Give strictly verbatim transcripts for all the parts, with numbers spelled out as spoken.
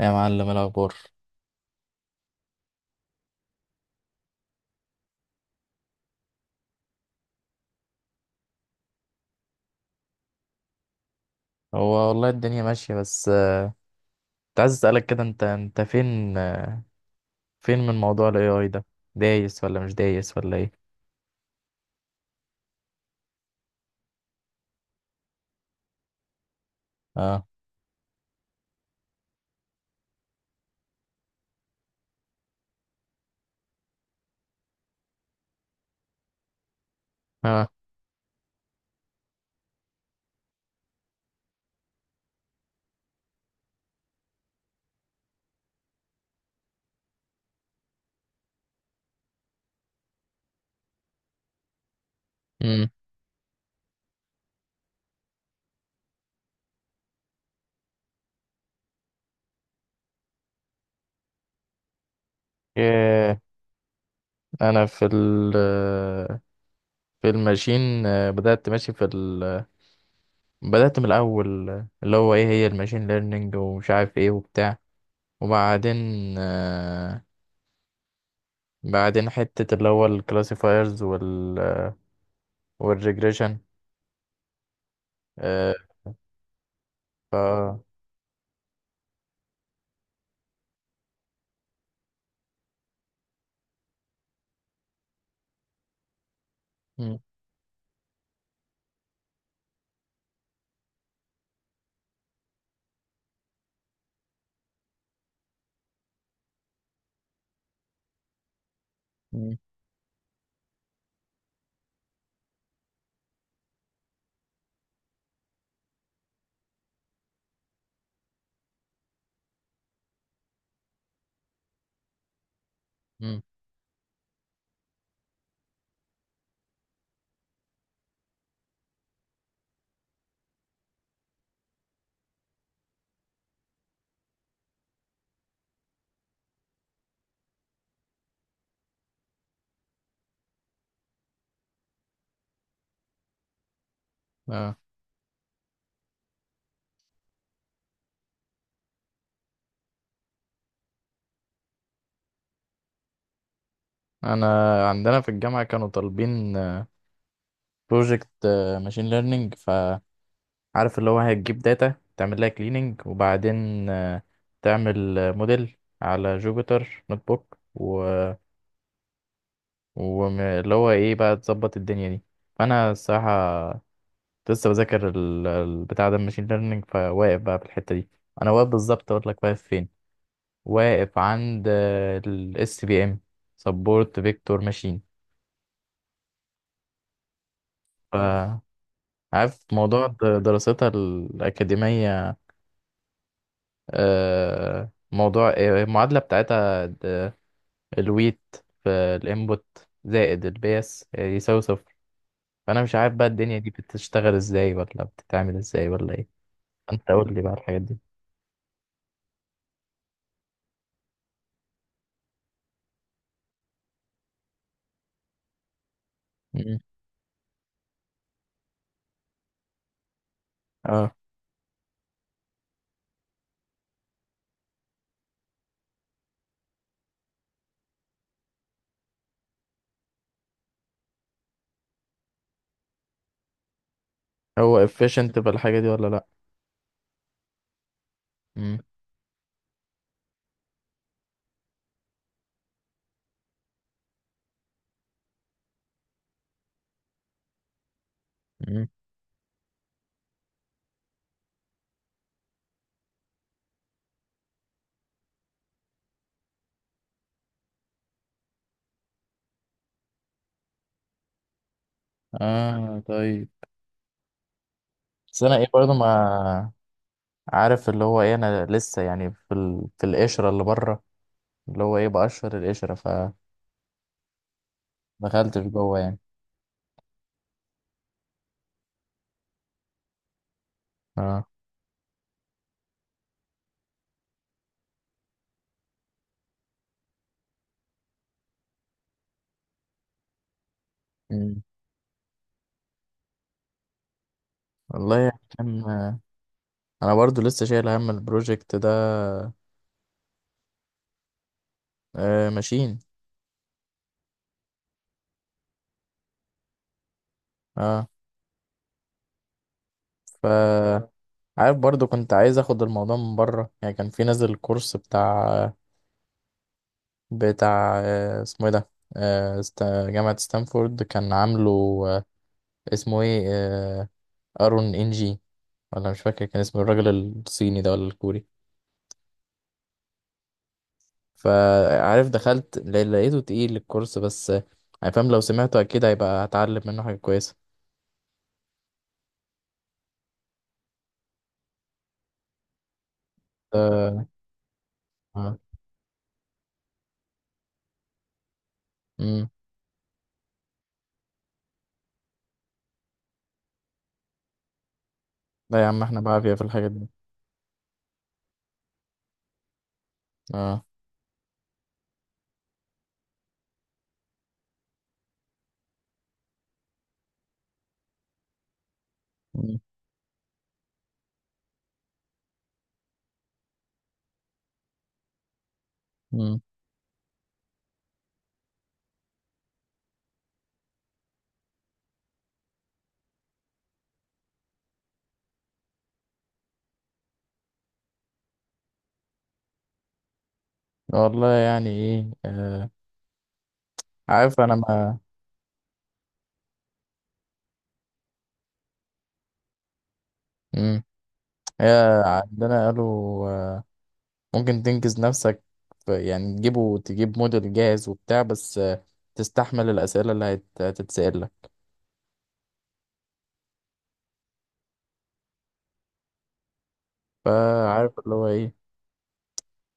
يا معلم، إيه الاخبار؟ هو والله الدنيا ماشيه. بس آه، كنت عايز اسالك كده، انت انت فين آه، فين من موضوع الاي اي ده؟ دايس ولا مش دايس ولا ايه؟ اه، اه. امم. ايه، انا في ال- في الماشين، آه، بدات ماشي في ال- بدات من الاول. آه، اللي هو ايه هي الماشين ليرنينج، ومش عارف ايه وبتاع. وبعدين آه، بعدين حته اللي هو الكلاسيفايرز وال- والريجريشن. ف- مم. مم. مم. آه. انا عندنا في الجامعه كانوا طالبين بروجكت ماشين ليرنينج، فعارف اللي هو هتجيب داتا، تعمل لها كليننج، وبعدين آه، تعمل موديل على جوبيتر نوت بوك، و... واللي هو ايه بقى تظبط الدنيا دي. فانا الصراحه لسه بذاكر ال- البتاع ده الماشين ليرنينج، فواقف بقى في الحته دي. انا واقف بالظبط، اقول لك واقف فين، واقف عند الاس بي ام، سبورت فيكتور ماشين. عارف موضوع د- دراستها الأكاديمية، آه، موضوع آه، المعادلة بتاعتها د- الويت في الانبوت زائد البيس يساوي صفر. فأنا مش عارف بقى الدنيا دي بتشتغل ازاي، ولا بتتعمل ازاي ولا ايه. انت قول لي بقى الحاجات دي. مم. اه. هو efficient في الحاجة دي ولا لأ؟ مم. مم. اه، طيب. بس انا ايه برضه ما عارف اللي هو ايه، انا لسه يعني في ال- في القشرة اللي بره، اللي هو ايه بقشر القشرة، ف دخلتش جوه يعني. اه. مم. والله يعني كان انا برضو لسه شايل هم البروجكت ده. آه، ماشين. اه. ف عارف، برضو كنت عايز اخد الموضوع من بره، يعني كان في نازل كورس بتاع بتاع آه اسمه ايه ده، آه است... جامعة ستانفورد كان عامله. آه اسمه ايه، آه ارون انجي، ولا مش فاكر كان اسمه الراجل الصيني ده ولا الكوري. فعارف دخلت ل- لقيته تقيل الكورس، بس آه، يعني فاهم لو سمعته اكيد هيبقى هتعلم منه حاجة كويسة. آه، اه. امم. لا يا عم، احنا بعافية في الحاجات دي. اه. مم. مم. والله يعني ايه، آه. عارف انا ما- امم. هي عندنا قالوا آه. ممكن تنجز نفسك في- يعني تجيبه تجيب موديل جاهز وبتاع، بس آه. تستحمل الأسئلة اللي هت- هتتسأل لك. فعارف اللي هو ايه،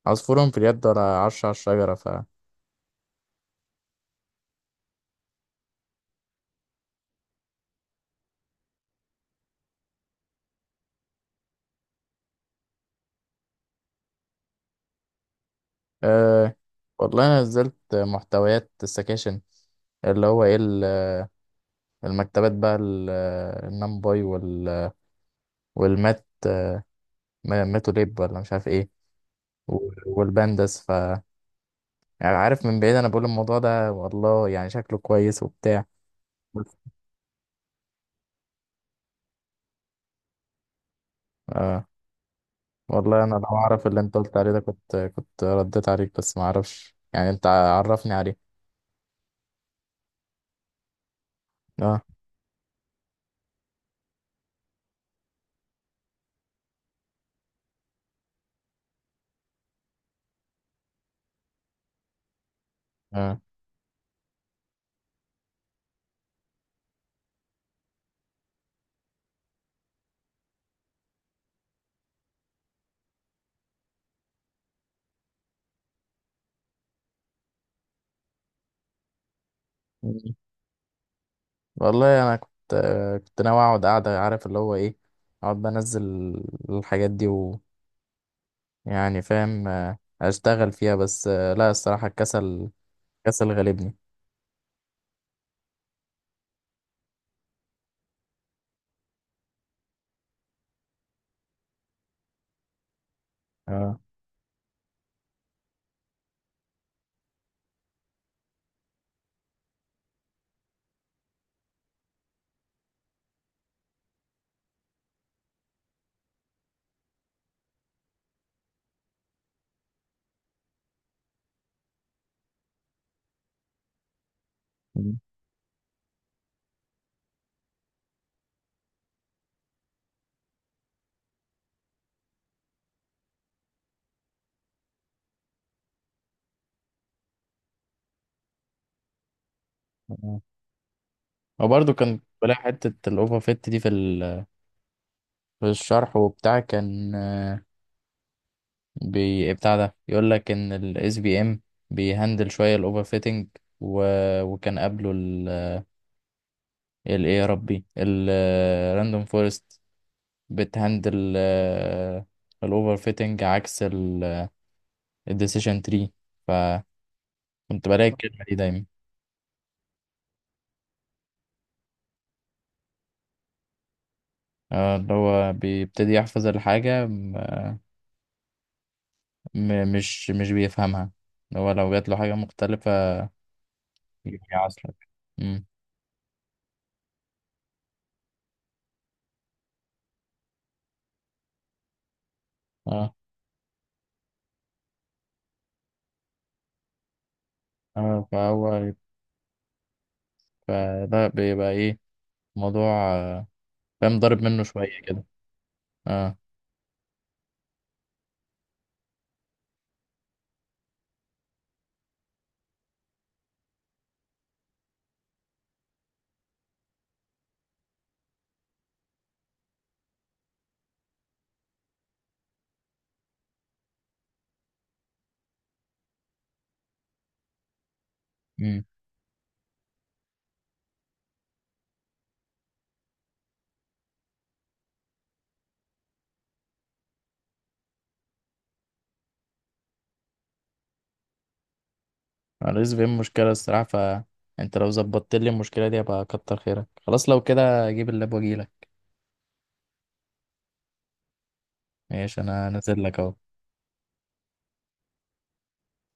عصفور في اليد ولا عرش على الشجرة. ف آه. والله انا نزلت محتويات السكاشن، اللي هو ايه ال- المكتبات بقى، النمباي، والمات ما- ماتوا ليب ولا مش عارف ايه، و- والبانداس. ف يعني عارف، من بعيد انا بقول الموضوع ده والله يعني شكله كويس وبتاع. بس. آه، والله انا لو اعرف اللي انت قلت عليه ده كنت كنت رديت عليك، بس ما اعرفش يعني. انت عرفني عليه. اه. اه. مم. والله انا كنت آه، كنت ناوي اقعد قاعده، عارف اللي هو ايه، اقعد بنزل الحاجات دي ويعني فاهم آه، اشتغل فيها، بس آه، لا الصراحه الكسل، الكسل غالبني. اه. مم. وبرضه كان بلاقي حتة الأوفر فيت دي في ال- في الشرح وبتاع. كان آه، بي بتاع ده يقول لك إن ال إس بي إم بيهندل شوية الأوفر فيتنج. و... وكان قبله ال ال إيه يا ربي، ال راندوم فورست بتهندل آه، الأوفر فيتنج عكس ال آه، الديسيشن تري. فكنت بلاقي الكلمة دي دايما. آه، اللي هو بيبتدي يحفظ الحاجة م... م- مش مش بيفهمها، اللي هو لو جات له حاجة مختلفة جميع أصلا. امم. اه. اه، فهو. يبقى ده بيبقى ايه؟ موضوع آه، فاهم ضارب منه شوية كده. اه. امم. الرزق فيه مشكلة الصراحة، فانت لو ظبطت لي المشكلة دي هبقى كتر خيرك. خلاص، لو كده اجيب اللاب واجيلك. ماشي، انا نازل لك اهو.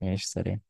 ماشي، سلام.